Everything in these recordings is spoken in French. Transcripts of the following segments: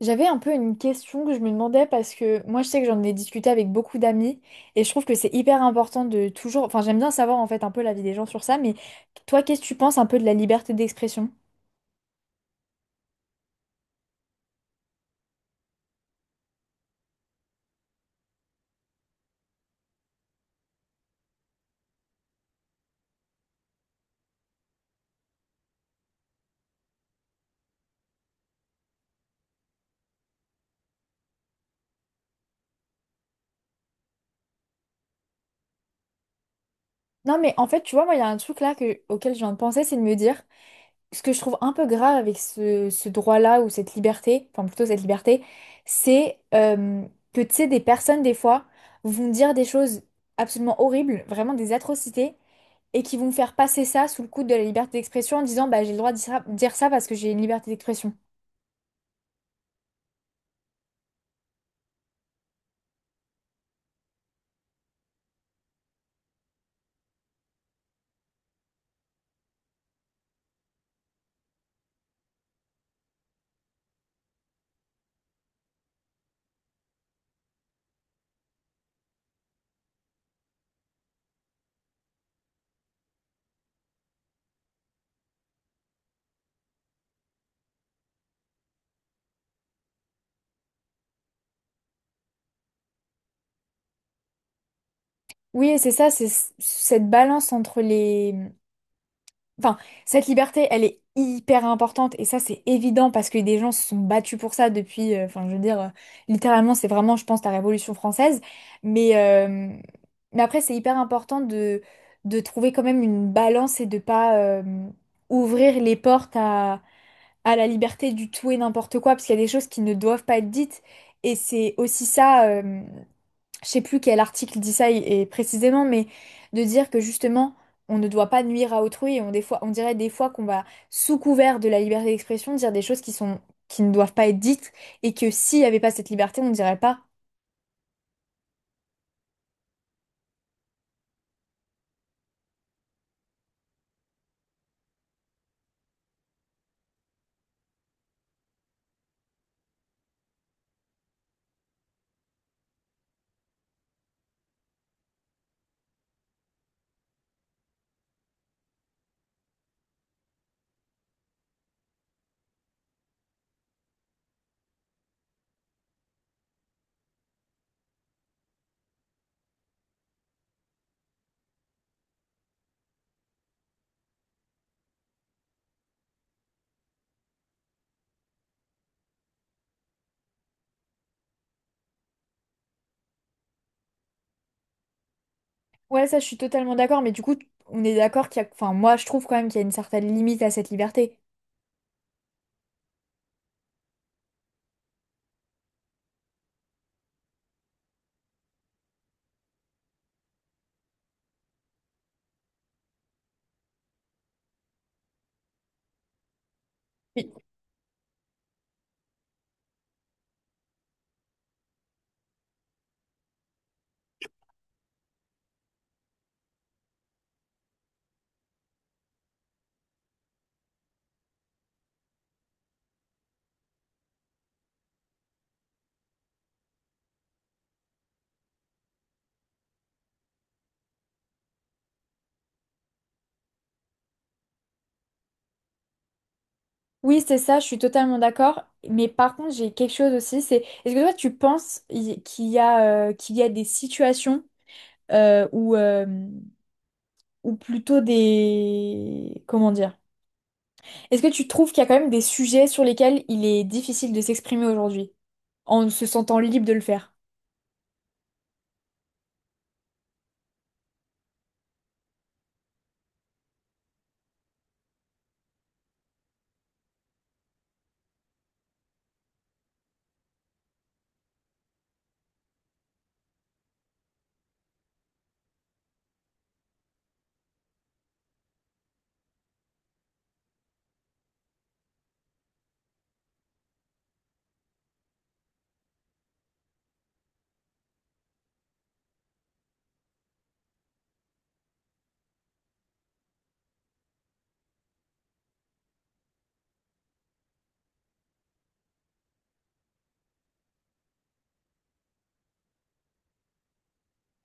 J'avais un peu une question que je me demandais parce que moi je sais que j'en ai discuté avec beaucoup d'amis et je trouve que c'est hyper important de toujours, enfin j'aime bien savoir en fait un peu l'avis des gens sur ça, mais toi qu'est-ce que tu penses un peu de la liberté d'expression? Non mais en fait tu vois moi il y a un truc auquel je viens de penser, c'est de me dire ce que je trouve un peu grave avec ce droit-là ou cette liberté, enfin plutôt cette liberté. C'est que tu sais des personnes des fois vont dire des choses absolument horribles, vraiment des atrocités, et qui vont faire passer ça sous le coude de la liberté d'expression en disant bah j'ai le droit de dire ça parce que j'ai une liberté d'expression. Oui, et c'est ça, cette balance entre les... Enfin, cette liberté, elle est hyper importante, et ça, c'est évident parce que des gens se sont battus pour ça depuis, enfin, je veux dire, littéralement, c'est vraiment, je pense, la Révolution française. Mais, euh, mais après, c'est hyper important de trouver quand même une balance et de pas ouvrir les portes à la liberté du tout et n'importe quoi, parce qu'il y a des choses qui ne doivent pas être dites. Et c'est aussi ça, je sais plus quel article dit ça et précisément, mais de dire que justement, on ne doit pas nuire à autrui. Et on, des fois, on dirait des fois qu'on va, sous couvert de la liberté d'expression, dire des choses qui sont, qui ne doivent pas être dites, et que s'il n'y avait pas cette liberté, on ne dirait pas. Ouais, ça, je suis totalement d'accord, mais du coup, on est d'accord qu'il y a, enfin, moi, je trouve quand même qu'il y a une certaine limite à cette liberté. Oui, c'est ça, je suis totalement d'accord. Mais par contre, j'ai quelque chose aussi, c'est est-ce que toi, tu penses qu'il y a des situations où, ou plutôt des... Comment dire? Est-ce que tu trouves qu'il y a quand même des sujets sur lesquels il est difficile de s'exprimer aujourd'hui, en se sentant libre de le faire?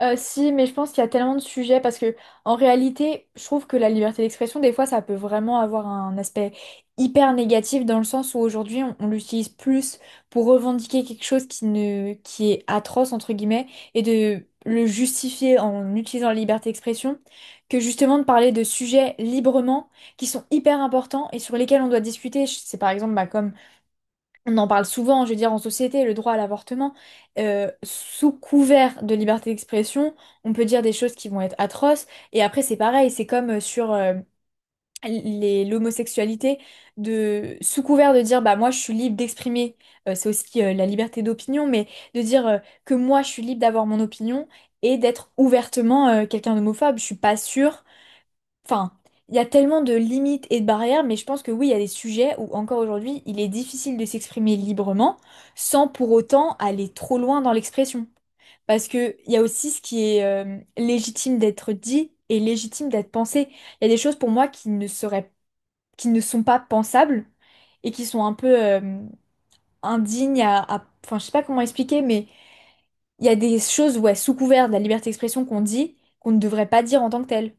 Si, mais je pense qu'il y a tellement de sujets parce que en réalité, je trouve que la liberté d'expression, des fois, ça peut vraiment avoir un aspect hyper négatif dans le sens où aujourd'hui, on l'utilise plus pour revendiquer quelque chose qui ne, qui est atroce entre guillemets, et de le justifier en utilisant la liberté d'expression, que justement de parler de sujets librement qui sont hyper importants et sur lesquels on doit discuter. C'est par exemple bah, comme on en parle souvent, je veux dire, en société, le droit à l'avortement, sous couvert de liberté d'expression, on peut dire des choses qui vont être atroces. Et après, c'est pareil, c'est comme sur l'homosexualité, de, sous couvert de dire, bah moi, je suis libre d'exprimer, c'est aussi la liberté d'opinion, mais de dire que moi, je suis libre d'avoir mon opinion et d'être ouvertement quelqu'un d'homophobe. Je suis pas sûre. Enfin, il y a tellement de limites et de barrières, mais je pense que oui, il y a des sujets où encore aujourd'hui, il est difficile de s'exprimer librement sans pour autant aller trop loin dans l'expression. Parce que il y a aussi ce qui est légitime d'être dit et légitime d'être pensé. Il y a des choses pour moi qui ne seraient, qui ne sont pas pensables et qui sont un peu indignes Enfin, je sais pas comment expliquer, mais il y a des choses, ouais, sous couvert de la liberté d'expression qu'on dit qu'on ne devrait pas dire en tant que telle.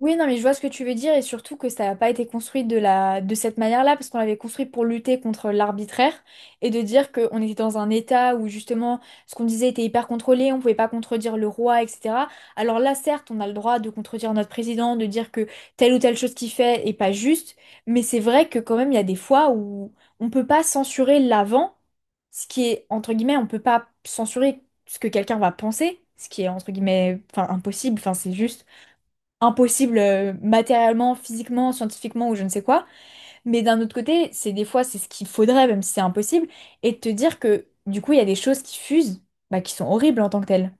Oui, non, mais je vois ce que tu veux dire, et surtout que ça n'a pas été construit de la... de cette manière-là parce qu'on l'avait construit pour lutter contre l'arbitraire et de dire qu'on était dans un état où justement ce qu'on disait était hyper contrôlé, on pouvait pas contredire le roi, etc. Alors là, certes, on a le droit de contredire notre président, de dire que telle ou telle chose qu'il fait est pas juste, mais c'est vrai que quand même, il y a des fois où on peut pas censurer l'avant, ce qui est, entre guillemets, on peut pas censurer ce que quelqu'un va penser, ce qui est, entre guillemets, enfin, impossible, enfin, c'est juste impossible matériellement, physiquement, scientifiquement ou je ne sais quoi. Mais d'un autre côté, c'est des fois, c'est ce qu'il faudrait, même si c'est impossible, et de te dire que du coup, il y a des choses qui fusent, bah, qui sont horribles en tant que telles.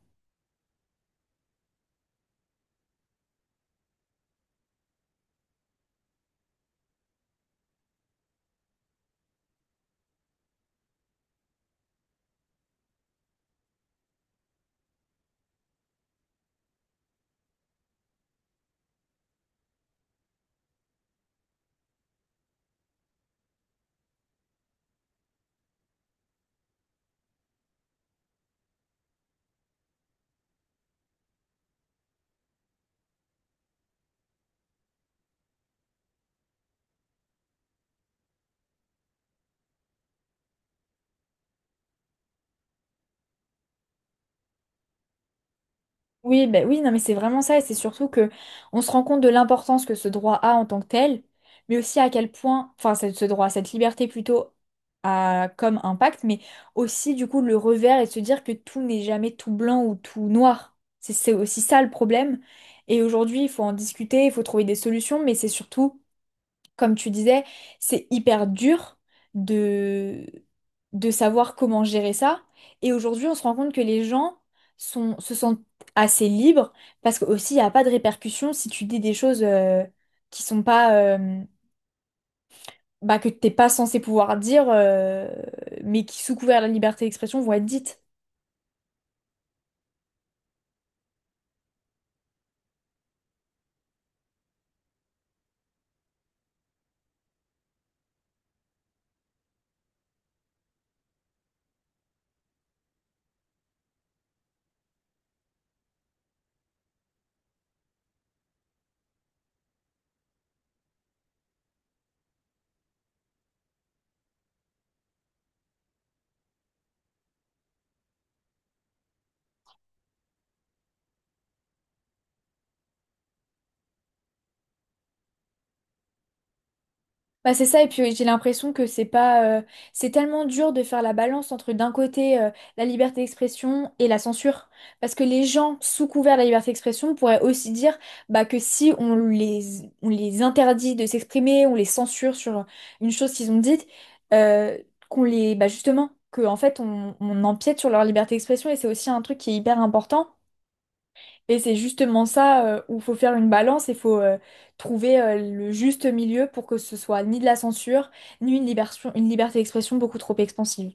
Oui, ben oui, non, mais c'est vraiment ça, et c'est surtout que on se rend compte de l'importance que ce droit a en tant que tel, mais aussi à quel point, enfin, ce droit, cette liberté plutôt, a comme impact, mais aussi du coup le revers, et de se dire que tout n'est jamais tout blanc ou tout noir. C'est aussi ça le problème. Et aujourd'hui, il faut en discuter, il faut trouver des solutions, mais c'est surtout comme tu disais, c'est hyper dur de, de savoir comment gérer ça. Et aujourd'hui, on se rend compte que les gens se sentent assez libres parce que aussi il n'y a pas de répercussions si tu dis des choses qui sont pas bah, que t'es pas censé pouvoir dire, mais qui, sous couvert de la liberté d'expression, vont être dites. Bah c'est ça, et puis j'ai l'impression que c'est pas, c'est tellement dur de faire la balance entre d'un côté la liberté d'expression et la censure, parce que les gens sous couvert de la liberté d'expression pourraient aussi dire bah, que si on les interdit de s'exprimer, on les censure sur une chose qu'ils ont dite, euh, qu'on les, bah justement, que en fait on empiète sur leur liberté d'expression, et c'est aussi un truc qui est hyper important. Et c'est justement ça où il faut faire une balance et il faut trouver le juste milieu pour que ce soit ni de la censure, ni une une liberté d'expression beaucoup trop expansive.